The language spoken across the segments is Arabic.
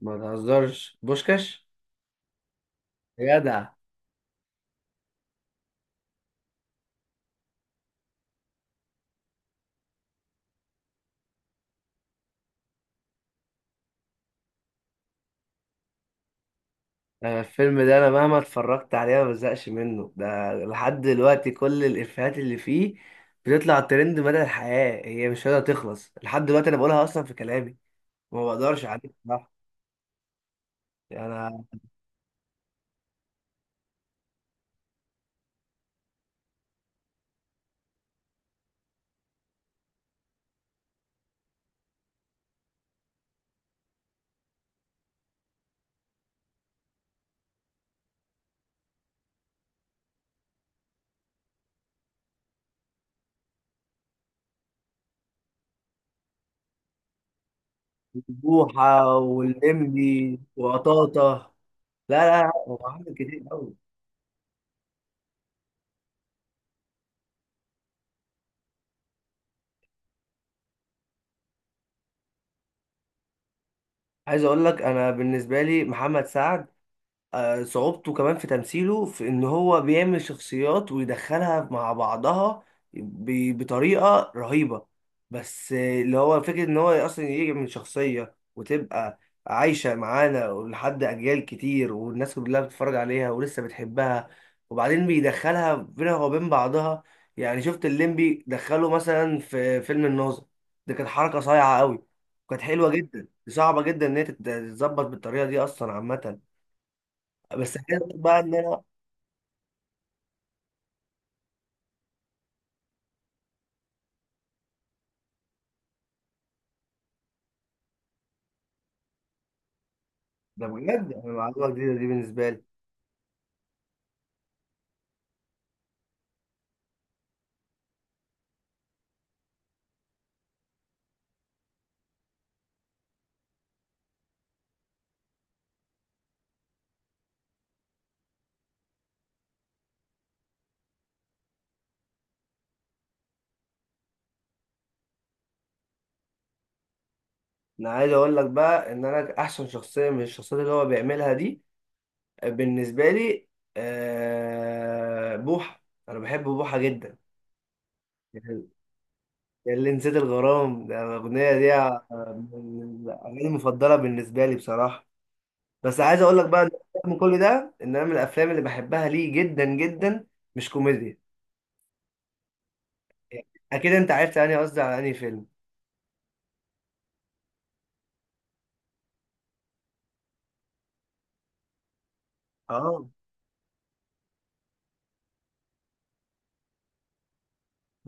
ما تهزرش بوشكاش. يا جدع. انا، الفيلم ده، انا مهما اتفرجت عليه ما بزهقش منه، ده لحد دلوقتي كل الافيهات اللي فيه بتطلع ترند مدى الحياة، هي مش قادرة تخلص لحد دلوقتي، انا بقولها اصلا في كلامي وما بقدرش عليه بصراحة. انا بوحة واللمبي وقطاطة. لا لا لا، هو عامل كتير قوي. عايز اقول لك انا بالنسبة لي محمد سعد صعوبته كمان في تمثيله في ان هو بيعمل شخصيات ويدخلها مع بعضها بطريقة رهيبة. بس اللي هو فكرة ان هو اصلا يجي من شخصية وتبقى عايشة معانا لحد اجيال كتير والناس كلها بتتفرج عليها ولسه بتحبها، وبعدين بيدخلها بينها وبين بعضها. يعني شفت الليمبي دخله مثلا في فيلم الناظر، ده كانت حركة صايعة قوي، كانت حلوة جدا، صعبة جدا ان هي تتظبط بالطريقة دي اصلا عامة. بس كده بقى ان انا. ده بجد، انا معلومه جديده دي بالنسبه لي. انا عايز اقول لك بقى ان انا احسن شخصيه من الشخصيات اللي هو بيعملها دي بالنسبه لي. بوحه. انا بحب بوحه جدا. يعني اللي نسيت الغرام ده الاغنيه دي. من الاغاني المفضله بالنسبه لي بصراحه. بس عايز اقول لك بقى إن من كل ده ان انا من الافلام اللي بحبها ليه جدا جدا، مش كوميديا. اكيد انت عرفت يعني قصدي على انهي فيلم. اه،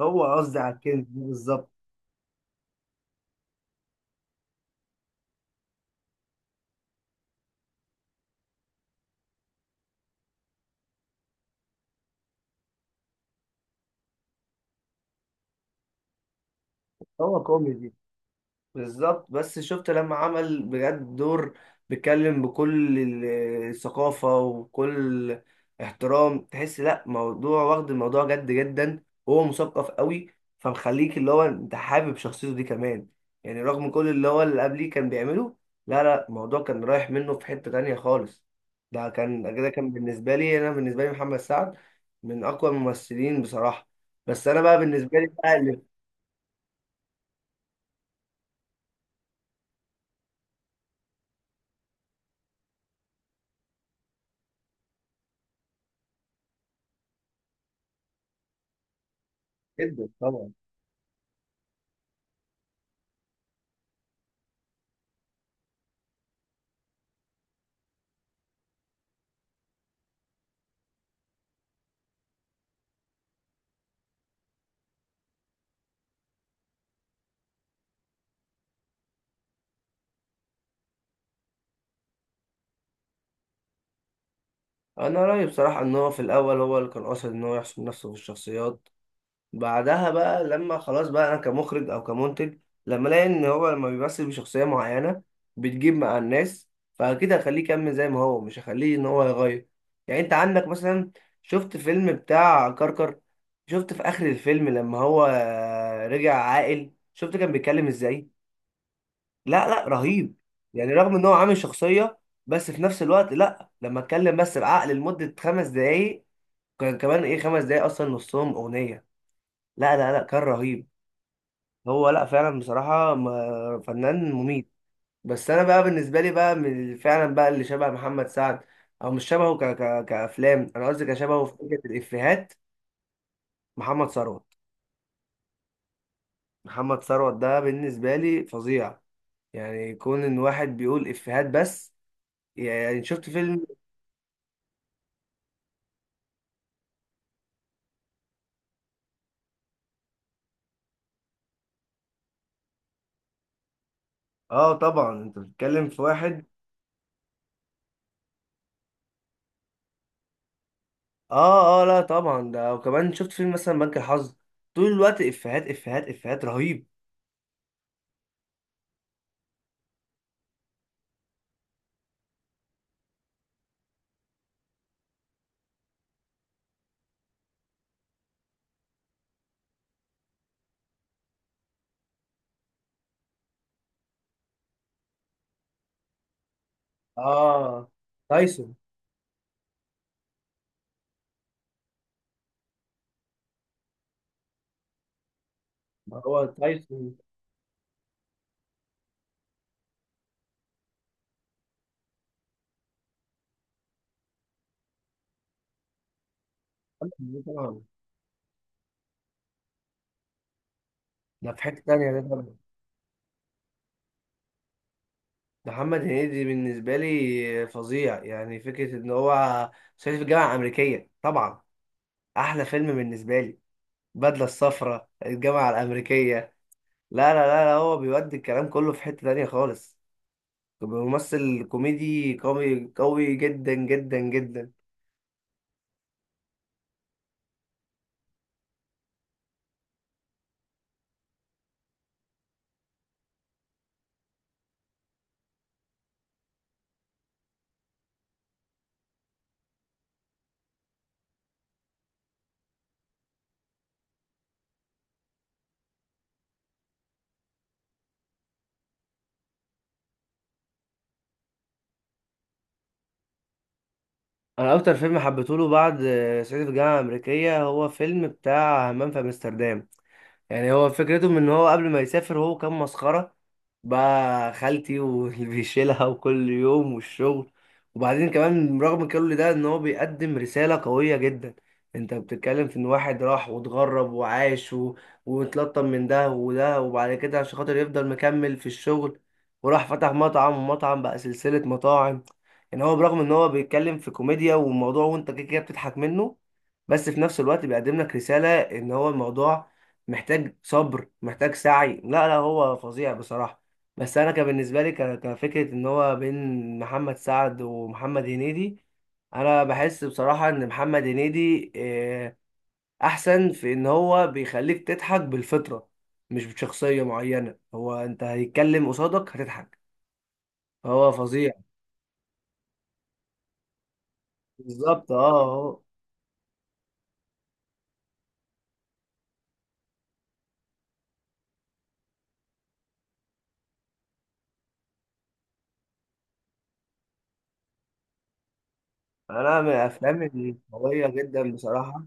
هو قصدي على الكلمه دي بالظبط. هو كوميدي بالظبط. بس شفت لما عمل بجد دور بيتكلم بكل الثقافة وكل احترام، تحس لا، موضوع واخد الموضوع جد جدا وهو مثقف قوي، فمخليك اللي هو انت حابب شخصيته دي كمان، يعني رغم كل اللي هو اللي قبليه كان بيعمله. لا لا، الموضوع كان رايح منه في حتة تانية خالص. ده كان كده، كان بالنسبة لي، انا بالنسبة لي محمد سعد من اقوى الممثلين بصراحة. بس انا بقى بالنسبة لي بقى اللي جدا طبعا. انا رايي بصراحه ان هو في الاول هو اللي كان قاصد ان هو يحسن نفسه في الشخصيات. بعدها بقى لما خلاص بقى انا كمخرج او كمنتج، لما الاقي ان هو لما بيمثل بشخصيه معينه بتجيب مع الناس، فاكيد هخليه يكمل زي ما هو، مش هخليه ان هو يغير. يعني انت عندك مثلا، شفت فيلم بتاع كركر، شفت في اخر الفيلم لما هو رجع عاقل، شفت كان بيتكلم ازاي. لا لا، رهيب. يعني رغم ان هو عامل شخصيه، بس في نفس الوقت لا، لما اتكلم بس بعقل لمدة خمس دقايق، كان كمان ايه خمس دقايق اصلا نصهم اغنيه. لا لا لا، كان رهيب. هو لا، فعلا بصراحه فنان مميت. بس انا بقى بالنسبه لي بقى من فعلا بقى اللي شبه محمد سعد، او مش شبهه، ك ك كافلام انا قصدي، كشبهه في فكره الافيهات. محمد ثروت، محمد ثروت ده بالنسبه لي فظيع. يعني كون ان واحد بيقول افيهات بس. يعني شفت فيلم. اه طبعا، انت بتتكلم في واحد. اه اه، لا طبعا ده، وكمان شفت فيلم مثلا بنك الحظ، طول الوقت افيهات افيهات افيهات، رهيب. اه، تايسون. ما هو تايسون. طبعا، ده في حتة تانية، ده طبعا. محمد هنيدي بالنسبة لي فظيع، يعني فكرة إن هو صعيدي في الجامعة الأمريكية طبعا. أحلى فيلم بالنسبة لي البدلة الصفراء، الجامعة الأمريكية. لا لا لا, لا، هو بيودي الكلام كله في حتة تانية خالص، ممثل كوميدي قوي قوي جدا جدا جدا. أنا أكتر فيلم حبيته له بعد صعيدي في الجامعة الأمريكية هو فيلم بتاع همام في أمستردام. يعني هو فكرتهم ان هو قبل ما يسافر هو كان مسخرة، بقى خالتي واللي بيشيلها، وكل يوم والشغل. وبعدين كمان رغم كل ده ان هو بيقدم رسالة قوية جدا. انت بتتكلم في ان واحد راح واتغرب وعاش و... واتلطم من ده وده، وبعد كده عشان خاطر يفضل مكمل في الشغل، وراح فتح مطعم، ومطعم بقى سلسلة مطاعم. يعني هو برغم ان هو بيتكلم في كوميديا والموضوع وانت كده كده بتضحك منه، بس في نفس الوقت بيقدم لك رسالة ان هو الموضوع محتاج صبر، محتاج سعي. لا لا، هو فظيع بصراحة. بس انا كان بالنسبة لي كفكرة ان هو بين محمد سعد ومحمد هنيدي، انا بحس بصراحة ان محمد هنيدي احسن في ان هو بيخليك تضحك بالفطرة، مش بشخصية معينة، هو انت هيتكلم قصادك هتضحك، هو فظيع. بالظبط اه، هو. انا من الافلام القوية جدا بصراحة،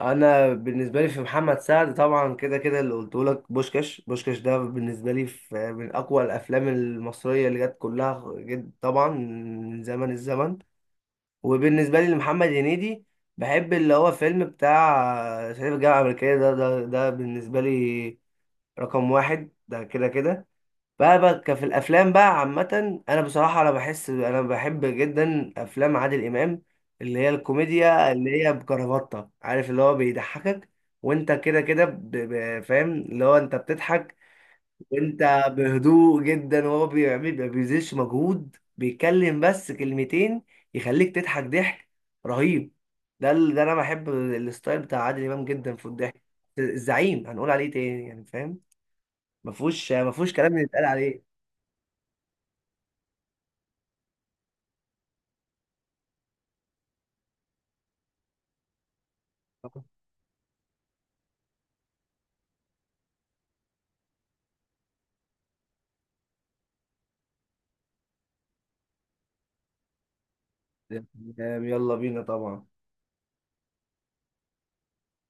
انا بالنسبه لي في محمد سعد طبعا كده كده اللي قلته لك، بوشكاش، بوشكاش ده بالنسبه لي في من اقوى الافلام المصريه اللي جت كلها جد طبعا من زمن الزمن. وبالنسبه لي لمحمد هنيدي بحب اللي هو فيلم بتاع صعيدي في الجامعه الامريكيه، ده ده ده بالنسبه لي رقم واحد، ده كده كده. بقى في الافلام بقى عامه، انا بصراحه انا بحس انا بحب جدا افلام عادل امام، اللي هي الكوميديا اللي هي بكرافته، عارف اللي هو بيضحكك وانت كده كده فاهم اللي هو انت بتضحك وانت بهدوء جدا، وهو بيعمل ما بيبذلش مجهود، بيتكلم بس كلمتين يخليك تضحك ضحك رهيب. ده ده انا بحب الستايل بتاع عادل امام جدا في الضحك. الزعيم هنقول عليه تاني، يعني فاهم. ما فيهوش كلام يتقال عليه. تمام، يلا بينا طبعا.